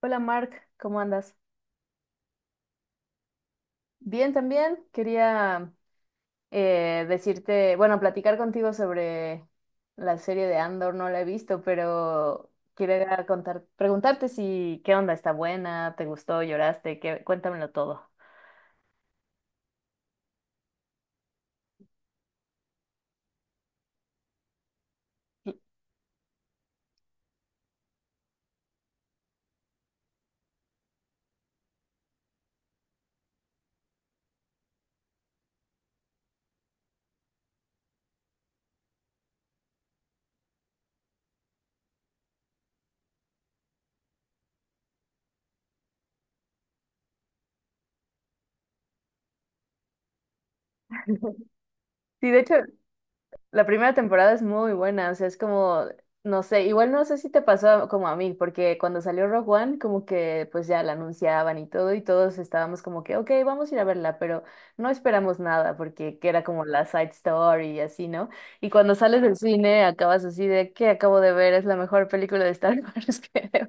Hola Mark, ¿cómo andas? Bien, también quería decirte, bueno, platicar contigo sobre la serie de Andor, no la he visto, pero quería preguntarte si qué onda, está buena, te gustó, lloraste, qué, cuéntamelo todo. Sí, de hecho, la primera temporada es muy buena, o sea, es como, no sé, igual no sé si te pasó como a mí, porque cuando salió Rogue One, como que pues ya la anunciaban y todo, y todos estábamos como que, ok, vamos a ir a verla, pero no esperamos nada, porque que era como la side story y así, ¿no? Y cuando sales del cine acabas así de, ¿qué acabo de ver? Es la mejor película de Star Wars, que creo.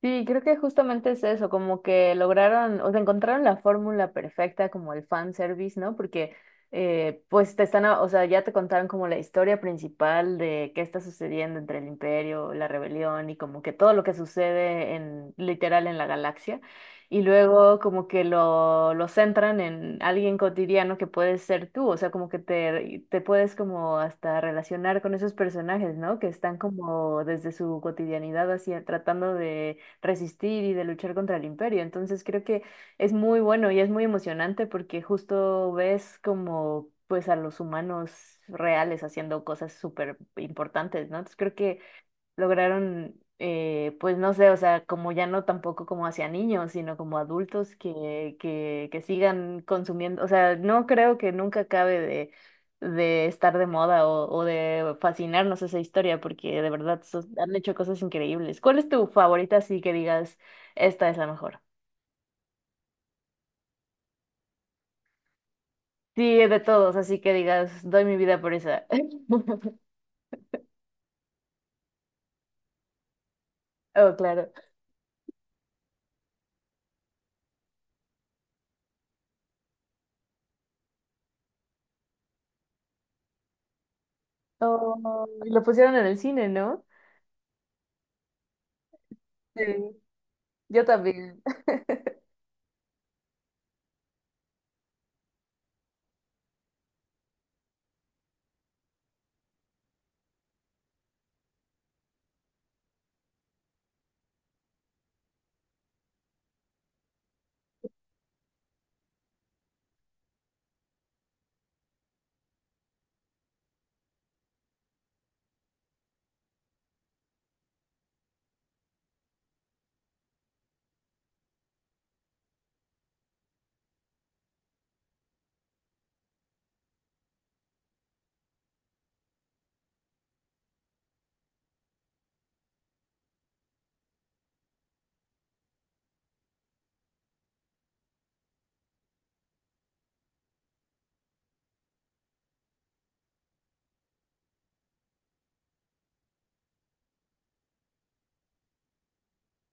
Sí, creo que justamente es eso, como que lograron, o sea, encontraron la fórmula perfecta como el fan service, ¿no? Porque pues te están, o sea, ya te contaron como la historia principal de qué está sucediendo entre el imperio, la rebelión y como que todo lo que sucede en literal en la galaxia. Y luego como que lo centran en alguien cotidiano que puedes ser tú, o sea, como que te puedes como hasta relacionar con esos personajes, ¿no? Que están como desde su cotidianidad así tratando de resistir y de luchar contra el imperio. Entonces creo que es muy bueno y es muy emocionante porque justo ves como pues a los humanos reales haciendo cosas súper importantes, ¿no? Entonces creo que lograron, pues no sé, o sea, como ya no tampoco como hacia niños, sino como adultos que sigan consumiendo, o sea, no creo que nunca acabe de estar de moda o de fascinarnos esa historia, porque de verdad han hecho cosas increíbles. ¿Cuál es tu favorita, así que digas, esta es la mejor? Sí, de todos, así que digas, doy mi vida por esa. Oh, claro. Oh, y lo pusieron en el cine, ¿no? Sí, yo también.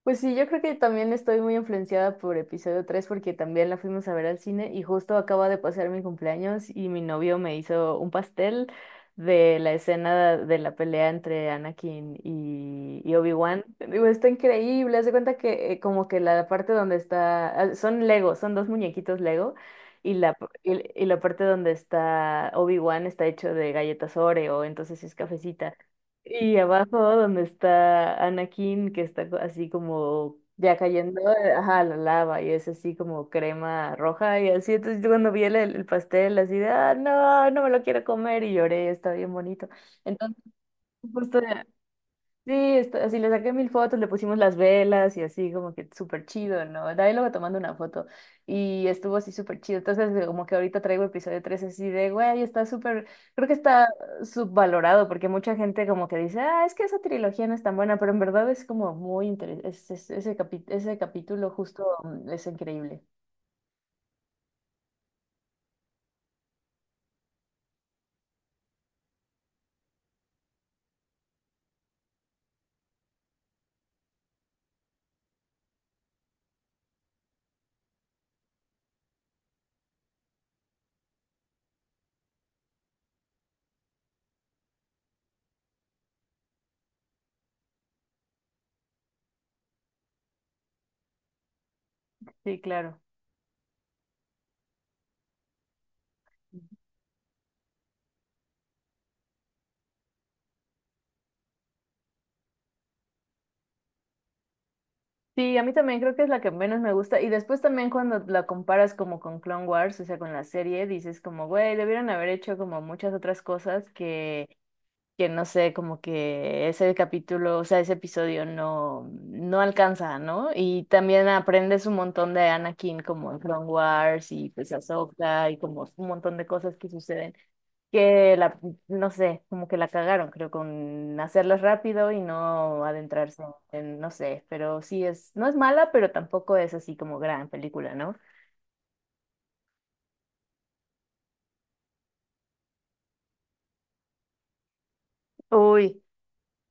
Pues sí, yo creo que también estoy muy influenciada por episodio 3 porque también la fuimos a ver al cine y justo acaba de pasar mi cumpleaños y mi novio me hizo un pastel de la escena de la pelea entre Anakin y Obi-Wan. Digo, está increíble, haz de cuenta que como que la parte donde está, ah, son Lego, son dos muñequitos Lego y la parte donde está Obi-Wan está hecho de galletas Oreo, entonces es cafecita. Y abajo donde está Anakin, que está así como ya cayendo, ajá, la lava, y es así como crema roja y así. Entonces yo cuando vi el pastel así de, ah, no, no me lo quiero comer y lloré, está bien bonito. Entonces, justo... Sí, así le saqué mil fotos, le pusimos las velas y así como que súper chido, ¿no? Ahí luego tomando una foto y estuvo así súper chido. Entonces como que ahorita traigo episodio 3 así de, güey, está súper, creo que está subvalorado porque mucha gente como que dice, ah, es que esa trilogía no es tan buena, pero en verdad es como muy interesante, ese capítulo justo es increíble. Sí, claro. Sí, a mí también creo que es la que menos me gusta. Y después también cuando la comparas como con Clone Wars, o sea, con la serie, dices como, güey, debieron haber hecho como muchas otras cosas que no sé, como que ese capítulo, o sea, ese episodio no, no alcanza, ¿no? Y también aprendes un montón de Anakin como en Clone Wars y pues Ahsoka y como un montón de cosas que suceden que la, no sé, como que la cagaron, creo, con hacerlo rápido y no adentrarse en, no sé, pero sí es, no es mala, pero tampoco es así como gran película, ¿no? Uy.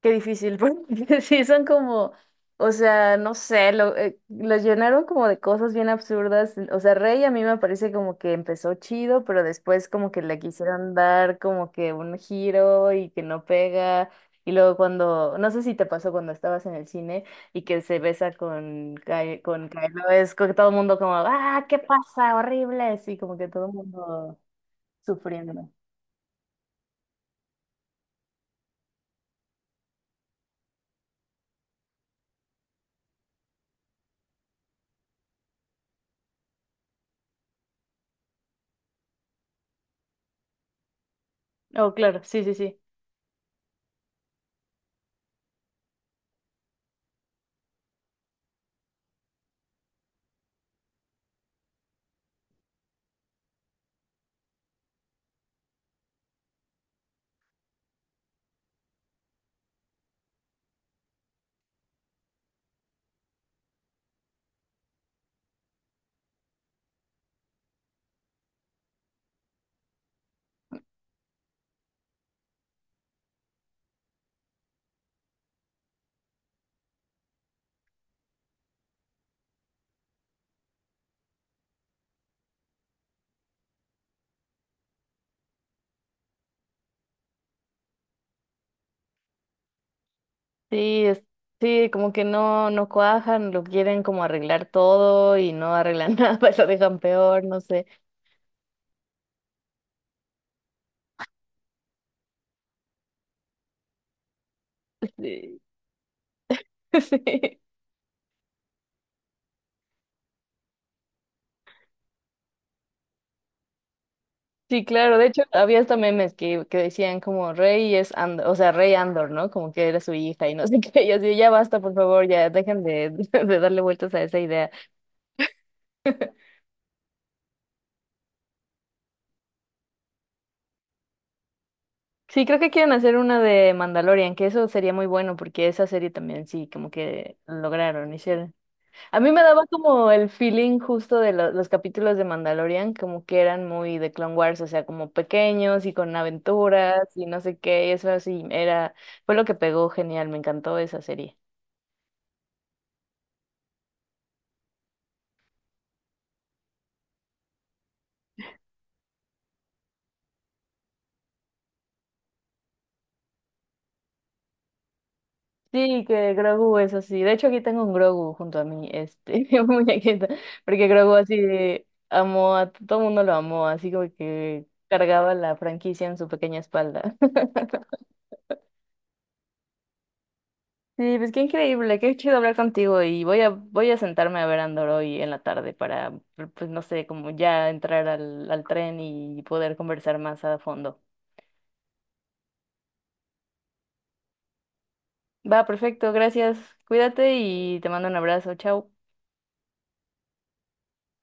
Qué difícil, porque sí son como, o sea, no sé, lo llenaron como de cosas bien absurdas. O sea, Rey a mí me parece como que empezó chido, pero después como que le quisieron dar como que un giro y que no pega. Y luego cuando, no sé si te pasó cuando estabas en el cine y que se besa con Kylo, es como que todo el mundo como, ah, ¿qué pasa? Horrible, así como que todo el mundo sufriendo. Oh, claro, sí, sí, sí. Sí, es- sí, como que no, no cuajan, lo quieren como arreglar todo y no arreglan nada, lo dejan peor, no sé. Sí, sí, sí, claro, de hecho había hasta memes que decían como Rey es Andor, o sea, Rey Andor, ¿no? Como que era su hija y no sé qué, y así, ya basta, por favor, ya dejen de, de darle vueltas a esa idea. Sí, creo que quieren hacer una de Mandalorian, que eso sería muy bueno porque esa serie también sí, como que lograron, hicieron. A mí me daba como el feeling justo de los capítulos de Mandalorian, como que eran muy de Clone Wars, o sea, como pequeños y con aventuras y no sé qué, y eso así era, fue lo que pegó genial, me encantó esa serie. Sí, que Grogu es así. De hecho, aquí tengo un Grogu junto a mí, este, un muñequito, porque Grogu así amó a todo el mundo lo amó, así como que cargaba la franquicia en su pequeña espalda. Sí, pues qué increíble, qué chido hablar contigo y voy a sentarme a ver Andor hoy en la tarde para, pues no sé, como ya entrar al tren y poder conversar más a fondo. Va, perfecto, gracias, cuídate y te mando un abrazo, chao.